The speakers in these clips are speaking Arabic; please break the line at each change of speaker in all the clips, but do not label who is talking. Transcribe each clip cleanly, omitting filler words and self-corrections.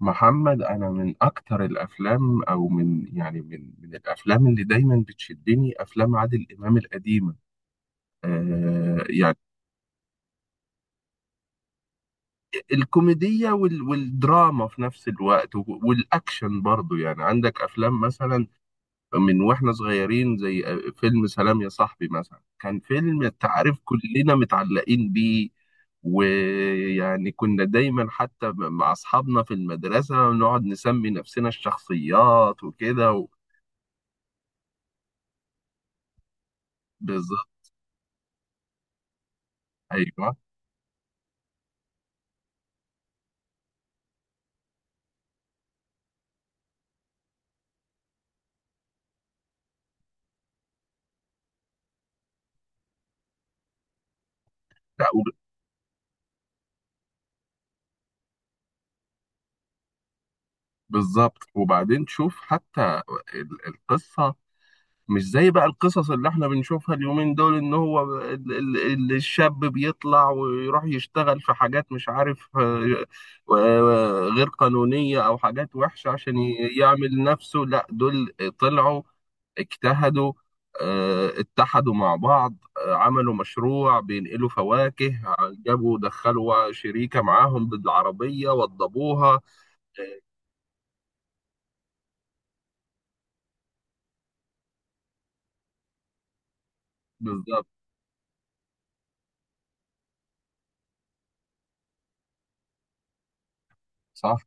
محمد، انا من اكتر الافلام او من، يعني، من الافلام اللي دايما بتشدني افلام عادل امام القديمه. آه، يعني الكوميديه والدراما في نفس الوقت والاكشن برضو، يعني عندك افلام مثلا من واحنا صغيرين زي فيلم سلام يا صاحبي مثلا. كان فيلم، انت عارف، كلنا متعلقين بيه، ويعني كنا دايما حتى مع اصحابنا في المدرسه نقعد نسمي نفسنا الشخصيات وكده. بالظبط. ايوه. لا. بالظبط، وبعدين شوف حتى القصه، مش زي بقى القصص اللي احنا بنشوفها اليومين دول، ان هو الشاب بيطلع ويروح يشتغل في حاجات مش عارف، غير قانونيه او حاجات وحشه عشان يعمل نفسه. لا، دول طلعوا اجتهدوا، اتحدوا مع بعض، عملوا مشروع بينقلوا فواكه، جابوا دخلوا شريكة معاهم بالعربية وضبوها. بالظبط. صح.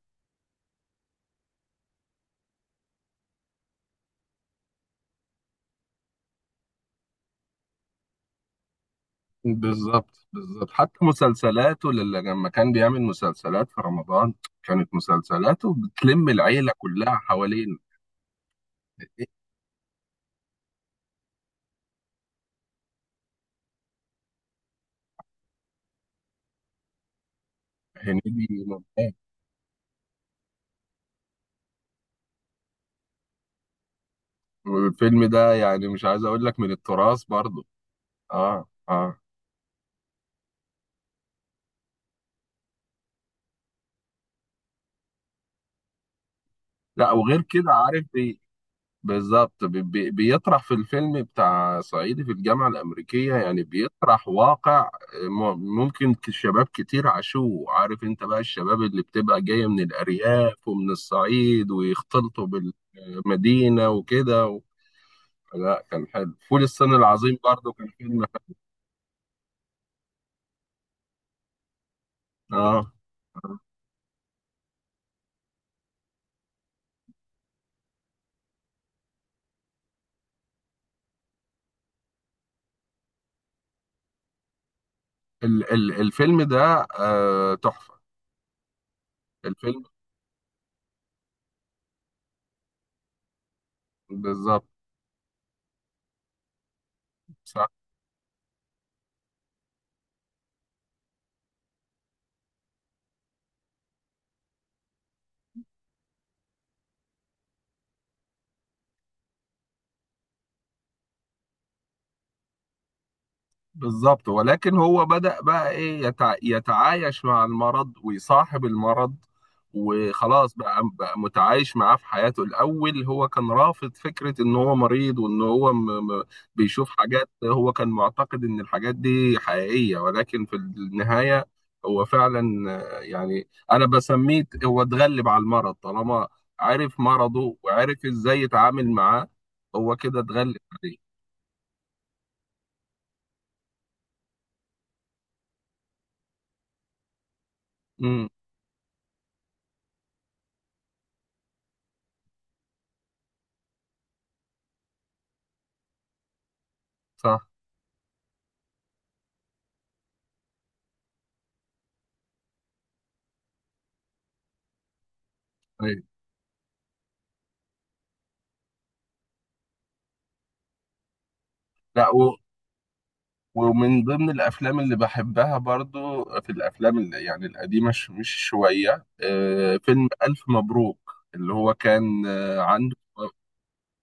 بالظبط بالظبط، حتى مسلسلاته اللي لما كان بيعمل مسلسلات في رمضان كانت مسلسلاته بتلم العيلة كلها حوالين. هنيدي ممتاز. والفيلم ده يعني مش عايز اقول لك من التراث برضه. اه، اه. لا، وغير كده عارف ايه؟ بالظبط، بيطرح في الفيلم بتاع صعيدي في الجامعة الأمريكية، يعني بيطرح واقع ممكن، شباب كتير عاشوه. عارف انت بقى الشباب اللي بتبقى جاية من الأرياف ومن الصعيد ويختلطوا بالمدينة وكده لا، كان حلو فول الصين العظيم برضو، كان فيلم حلو. اه. ال ال الفيلم ده تحفة. الفيلم. بالظبط. بالظبط، ولكن هو بدأ بقى ايه، يتعايش مع المرض ويصاحب المرض، وخلاص بقى متعايش معاه في حياته. الأول هو كان رافض فكرة إن هو مريض وإن هو بيشوف حاجات هو كان معتقد إن الحاجات دي حقيقية، ولكن في النهاية هو فعلا، يعني أنا بسميه هو اتغلب على المرض. طالما عرف مرضه وعرف إزاي يتعامل معاه، هو كده اتغلب عليه. امم. صح. أيوة. لا، ومن ضمن الافلام اللي بحبها برضو في الافلام اللي يعني القديمه مش شويه، فيلم الف مبروك، اللي هو كان عنده،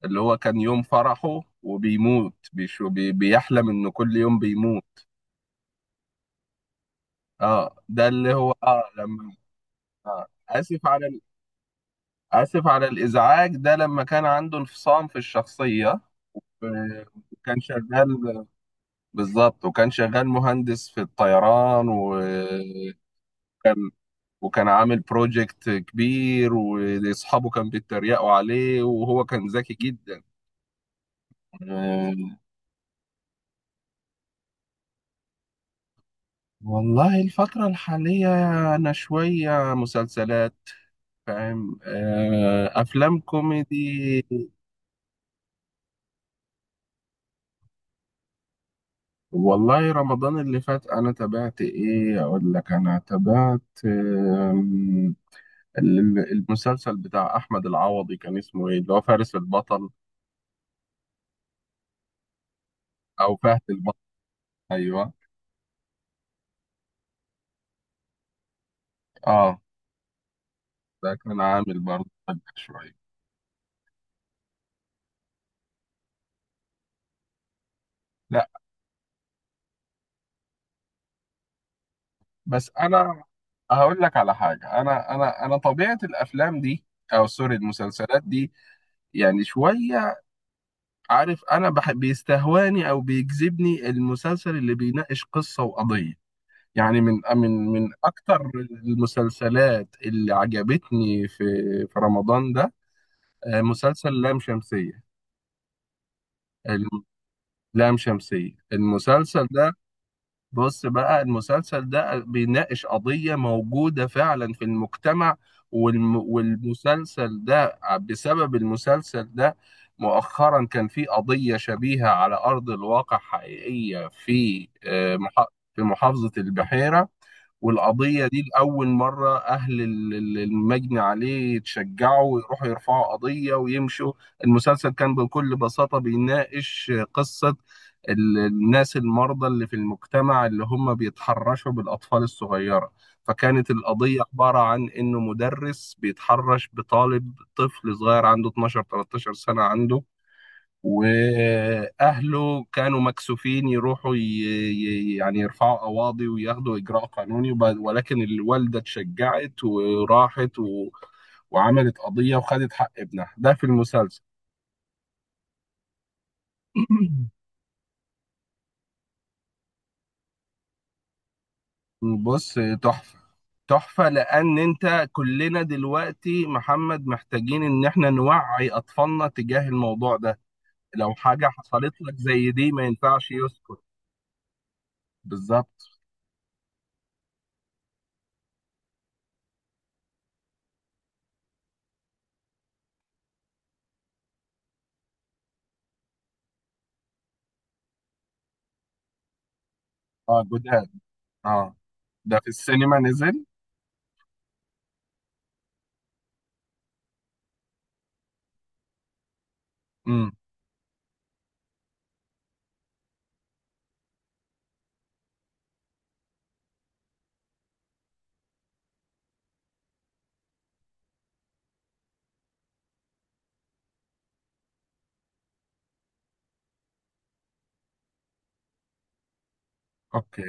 اللي هو كان يوم فرحه وبيموت، بيحلم انه كل يوم بيموت. اه، ده اللي هو لما، آه اسف على ال- اسف على الازعاج، ده لما كان عنده انفصام في الشخصيه. آه، وكان شغال. بالظبط، وكان شغال مهندس في الطيران و وكان عامل بروجكت كبير، واصحابه كان بيتريقوا عليه وهو كان ذكي جدا. آه، والله الفترة الحالية انا شوية مسلسلات فاهم، افلام كوميدي. والله رمضان اللي فات انا تابعت ايه اقول لك، انا تابعت المسلسل بتاع احمد العوضي كان اسمه ايه؟ اللي هو فارس البطل، او فهد البطل. ايوه. اه، ده كان عامل برضه ضجة شوية. لا، بس انا هقول لك على حاجه. انا طبيعه الافلام دي، او سوري، المسلسلات دي، يعني شويه. عارف، انا بيستهواني او بيجذبني المسلسل اللي بيناقش قصه وقضيه. يعني من اكتر المسلسلات اللي عجبتني في رمضان ده، مسلسل لام شمسيه. الم- لام شمسيه، المسلسل ده، بص بقى، المسلسل ده بيناقش قضية موجودة فعلا في المجتمع. والمسلسل ده، بسبب المسلسل ده، مؤخرا كان في قضية شبيهة على أرض الواقع، حقيقية، في في محافظة البحيرة. والقضية دي لأول مرة أهل المجني عليه يتشجعوا ويروحوا يرفعوا قضية ويمشوا. المسلسل كان بكل بساطة بيناقش قصة الناس المرضى اللي في المجتمع، اللي هم بيتحرشوا بالأطفال الصغيرة. فكانت القضية عبارة عن إنه مدرس بيتحرش بطالب، طفل صغير عنده 12 13 سنة، عنده واهله كانوا مكسوفين يروحوا يعني يرفعوا قواضي وياخدوا اجراء قانوني ولكن الوالده اتشجعت وراحت وعملت قضيه وخدت حق ابنها ده في المسلسل. بص، تحفه. تحفه، لان انت كلنا دلوقتي محمد محتاجين ان احنا نوعي اطفالنا تجاه الموضوع ده. لو حاجه حصلت لك زي دي ما ينفعش يسكت. بالظبط. اه، جداد. اه. ده في السينما نزل. امم. اوكي.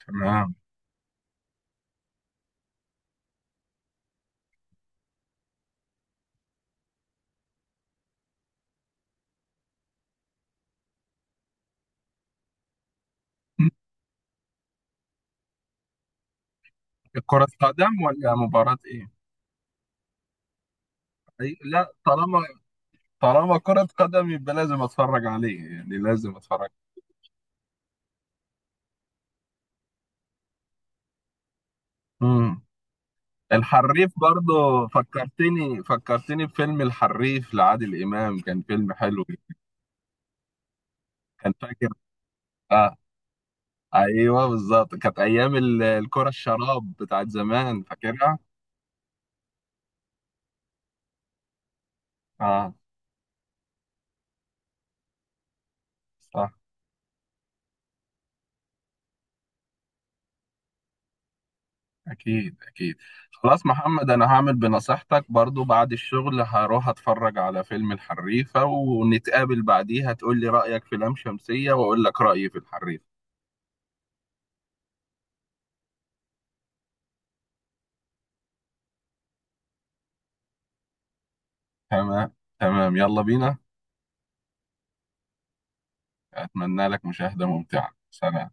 تمام. مم. كرة قدم ولا مباراة ايه؟ أي لا، طالما، طالما كرة قدم يبقى لازم اتفرج عليه، يعني لازم اتفرج. امم. الحريف برضو فكرتني بفيلم الحريف لعادل امام، كان فيلم حلو. كان فاكر. اه. ايوه بالظبط، كانت ايام الكرة الشراب بتاعت زمان، فاكرها؟ اه. صح. أكيد أكيد. خلاص محمد، أنا هعمل بنصيحتك، برضو بعد الشغل هروح أتفرج على فيلم الحريفة ونتقابل بعديها تقول لي رأيك في لام شمسية وأقول لك رأيي في الحريفة. تمام. تمام، يلا بينا. أتمنى لك مشاهدة ممتعة، سلام.